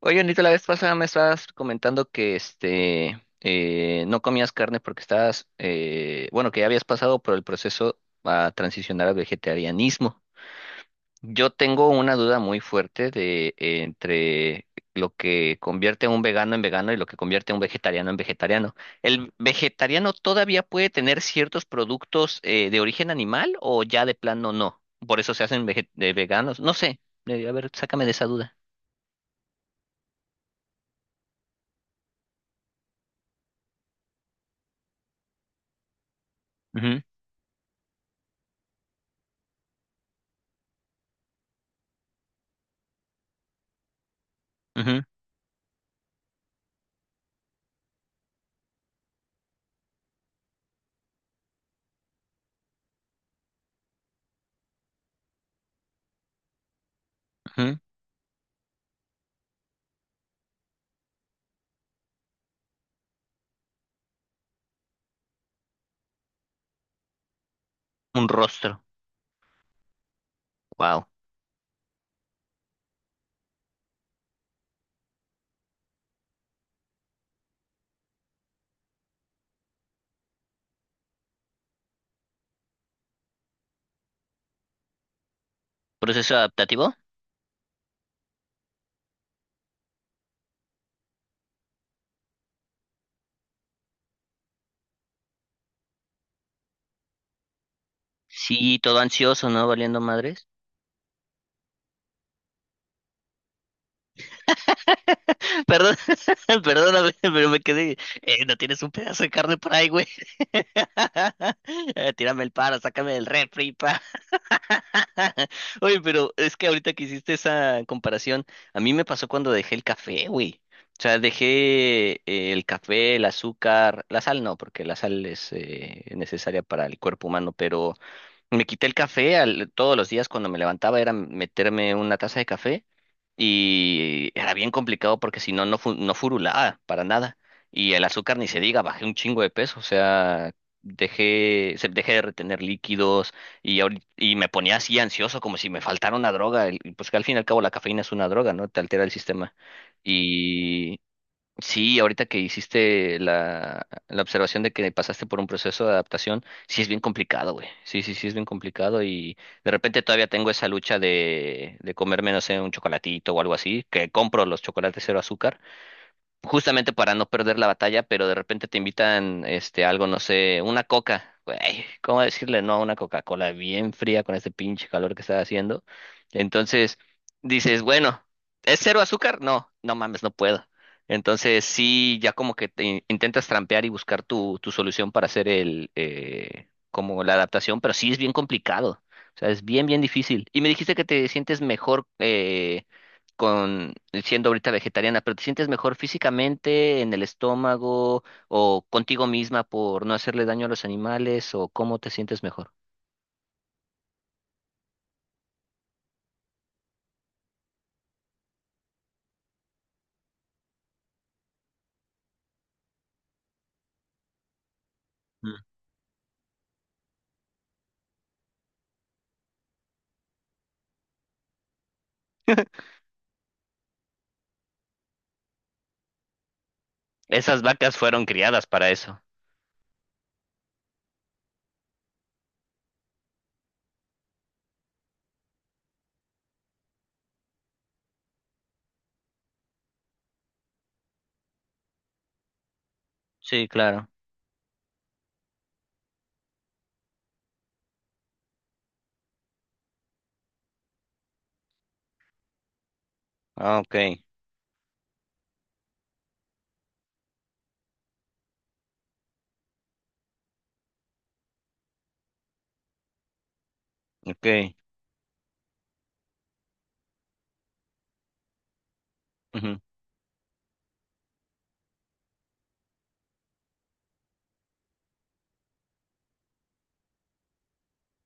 Oye, Anita, la vez pasada me estabas comentando que no comías carne porque estabas, que ya habías pasado por el proceso a transicionar al vegetarianismo. Yo tengo una duda muy fuerte de entre lo que convierte a un vegano en vegano y lo que convierte a un vegetariano en vegetariano. ¿El vegetariano todavía puede tener ciertos productos de origen animal o ya de plano no? Por eso se hacen de veganos. No sé. A ver, sácame de esa duda. Ujú, ujú, ujú. Un rostro. Wow. ¿Proceso adaptativo? Sí, todo ansioso, ¿no? Valiendo madres. Perdón, perdóname, pero me quedé. No tienes un pedazo de carne por ahí, güey. Tírame el paro, sácame del refri, pa. Oye, pero es que ahorita que hiciste esa comparación, a mí me pasó cuando dejé el café, güey. O sea, dejé el café, el azúcar, la sal no, porque la sal es necesaria para el cuerpo humano, pero me quité el café todos los días cuando me levantaba, era meterme una taza de café y era bien complicado porque si no, no, no furulaba para nada. Y el azúcar ni se diga, bajé un chingo de peso, o sea, dejé de retener líquidos y, y me ponía así ansioso como si me faltara una droga. Pues que al fin y al cabo la cafeína es una droga, ¿no? Te altera el sistema. Sí, ahorita que hiciste la observación de que pasaste por un proceso de adaptación, sí es bien complicado, güey. Sí, sí, sí es bien complicado y de repente todavía tengo esa lucha de comerme, no sé, un chocolatito o algo así, que compro los chocolates cero azúcar justamente para no perder la batalla, pero de repente te invitan algo, no sé, una coca. Güey, ¿cómo decirle no a una Coca-Cola bien fría con este pinche calor que está haciendo? Entonces dices, bueno, ¿es cero azúcar? No, no mames, no puedo. Entonces sí, ya como que intentas trampear y buscar tu solución para hacer el como la adaptación, pero sí es bien complicado. O sea, es bien, bien difícil. Y me dijiste que te sientes mejor, con siendo ahorita vegetariana, pero ¿te sientes mejor físicamente, en el estómago o contigo misma por no hacerle daño a los animales o cómo te sientes mejor? Mm. Esas vacas fueron criadas para eso. Sí, claro. Ah, ok, ok. Ujú.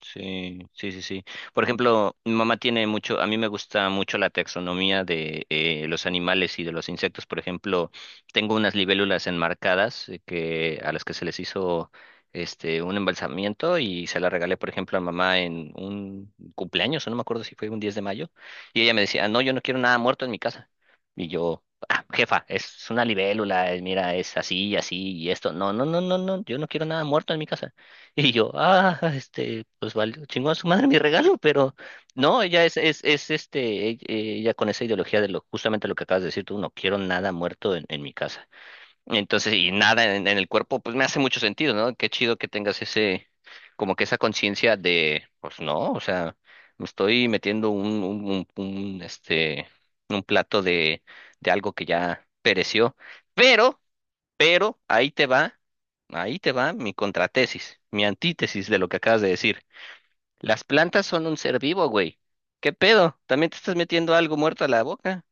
Sí, sí, sí, sí. Por ejemplo, mi mamá tiene mucho, a mí me gusta mucho la taxonomía de los animales y de los insectos. Por ejemplo, tengo unas libélulas enmarcadas que a las que se les hizo un embalsamiento y se la regalé, por ejemplo, a mamá en un cumpleaños, o no me acuerdo si fue un 10 de mayo, y ella me decía, "No, yo no quiero nada muerto en mi casa." Y yo, "Ah, jefa, es una libélula, mira, es así, así y esto. No, no, no, no, no, yo no quiero nada muerto en mi casa." Y yo, ah, pues valió, chingó a su madre mi regalo, pero no, ella es este, e- e- ella con esa ideología de lo, justamente lo que acabas de decir tú, no quiero nada muerto en mi casa. Entonces, y nada en el cuerpo, pues me hace mucho sentido, ¿no? Qué chido que tengas ese, como que esa conciencia de, pues no, o sea, me estoy metiendo un, este, un plato de algo que ya pereció, pero pero ahí te va mi contratesis, mi antítesis de lo que acabas de decir. Las plantas son un ser vivo, güey. ¿Qué pedo? ¿También te estás metiendo algo muerto a la boca?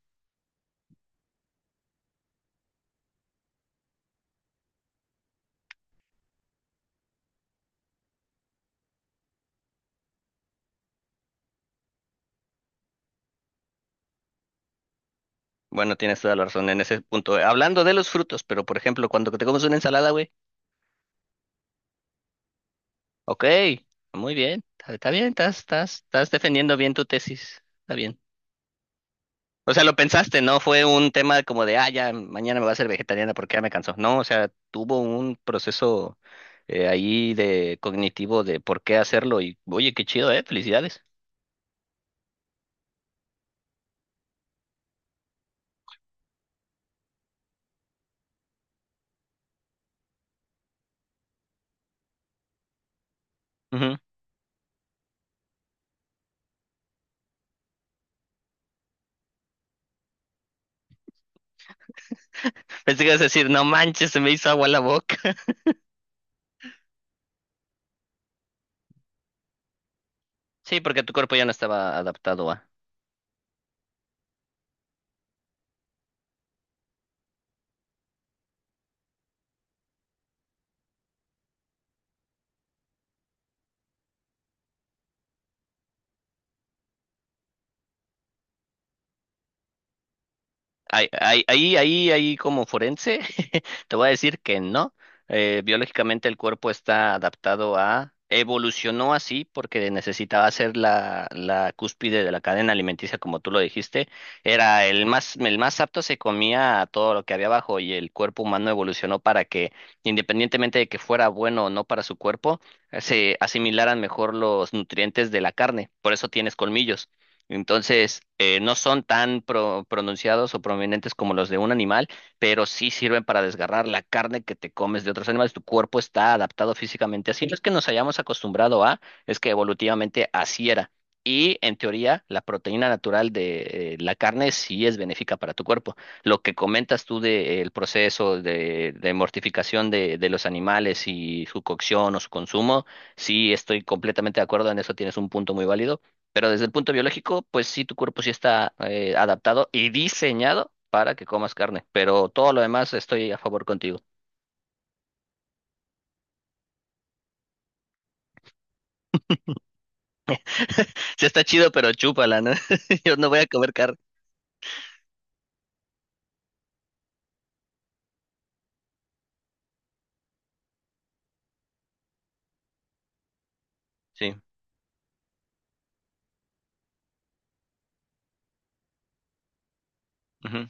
Bueno, tienes toda la razón en ese punto. Hablando de los frutos, pero por ejemplo, cuando te comes una ensalada, güey. Ok, muy bien, está bien, estás defendiendo bien tu tesis. Está bien. O sea, lo pensaste, no fue un tema como de, ah, ya mañana me voy a hacer vegetariana porque ya me cansó. No, o sea, tuvo un proceso ahí de cognitivo de por qué hacerlo y, oye, qué chido, ¿eh? Felicidades. Ujú. Pensé que ibas a decir, no manches, se me hizo agua la boca. Sí, porque tu cuerpo ya no estaba adaptado a. Ahí, ahí, ahí, ahí como forense, te voy a decir que no. Biológicamente el cuerpo está adaptado a, evolucionó así porque necesitaba ser la cúspide de la cadena alimenticia, como tú lo dijiste. Era el más apto, se comía a todo lo que había abajo y el cuerpo humano evolucionó para que, independientemente de que fuera bueno o no para su cuerpo, se asimilaran mejor los nutrientes de la carne. Por eso tienes colmillos. Entonces, no son tan pronunciados o prominentes como los de un animal, pero sí sirven para desgarrar la carne que te comes de otros animales. Tu cuerpo está adaptado físicamente así. No es que nos hayamos acostumbrado a, es que evolutivamente así era. Y en teoría, la proteína natural de la carne sí es benéfica para tu cuerpo. Lo que comentas tú del proceso de mortificación de los animales y su cocción o su consumo, sí estoy completamente de acuerdo en eso, tienes un punto muy válido, pero desde el punto biológico, pues sí, tu cuerpo sí está adaptado y diseñado para que comas carne, pero todo lo demás estoy a favor contigo. Sí está chido, pero chúpala, ¿no? Yo no voy a comer carne. Sí. Ujú.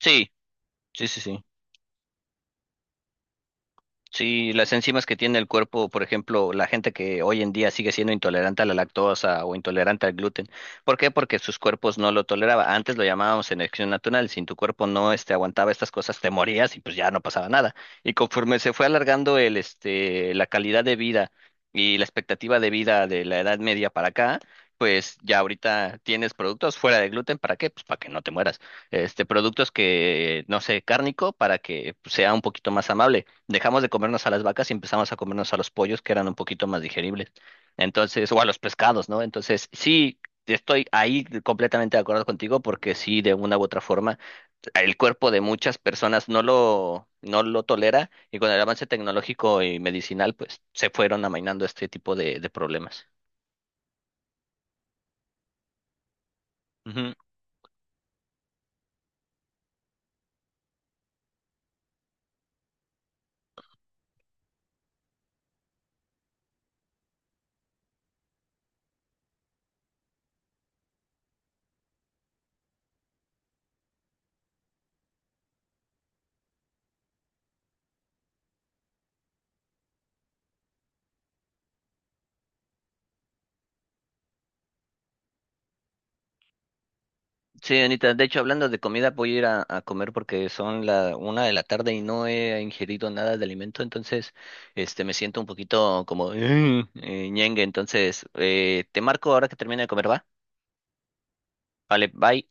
Sí, sí, sí, sí. Sí, las enzimas que tiene el cuerpo, por ejemplo, la gente que hoy en día sigue siendo intolerante a la lactosa o intolerante al gluten. ¿Por qué? Porque sus cuerpos no lo toleraba. Antes lo llamábamos selección natural. Si tu cuerpo no aguantaba estas cosas, te morías y pues ya no pasaba nada. Y conforme se fue alargando la calidad de vida y la expectativa de vida de la Edad Media para acá, pues ya ahorita tienes productos fuera de gluten. ¿Para qué? Pues para que no te mueras. Este, productos que, no sé, cárnico para que pues, sea un poquito más amable. Dejamos de comernos a las vacas y empezamos a comernos a los pollos, que eran un poquito más digeribles. Entonces, o a los pescados, ¿no? Entonces, sí, estoy ahí completamente de acuerdo contigo, porque sí, de una u otra forma, el cuerpo de muchas personas no lo tolera, y con el avance tecnológico y medicinal, pues se fueron amainando este tipo de problemas. Ujú. Sí, Anita, de hecho, hablando de comida, voy a ir a comer porque son la una de la tarde y no he ingerido nada de alimento, entonces me siento un poquito como ñengue, entonces te marco ahora que termine de comer, ¿va? Vale, bye.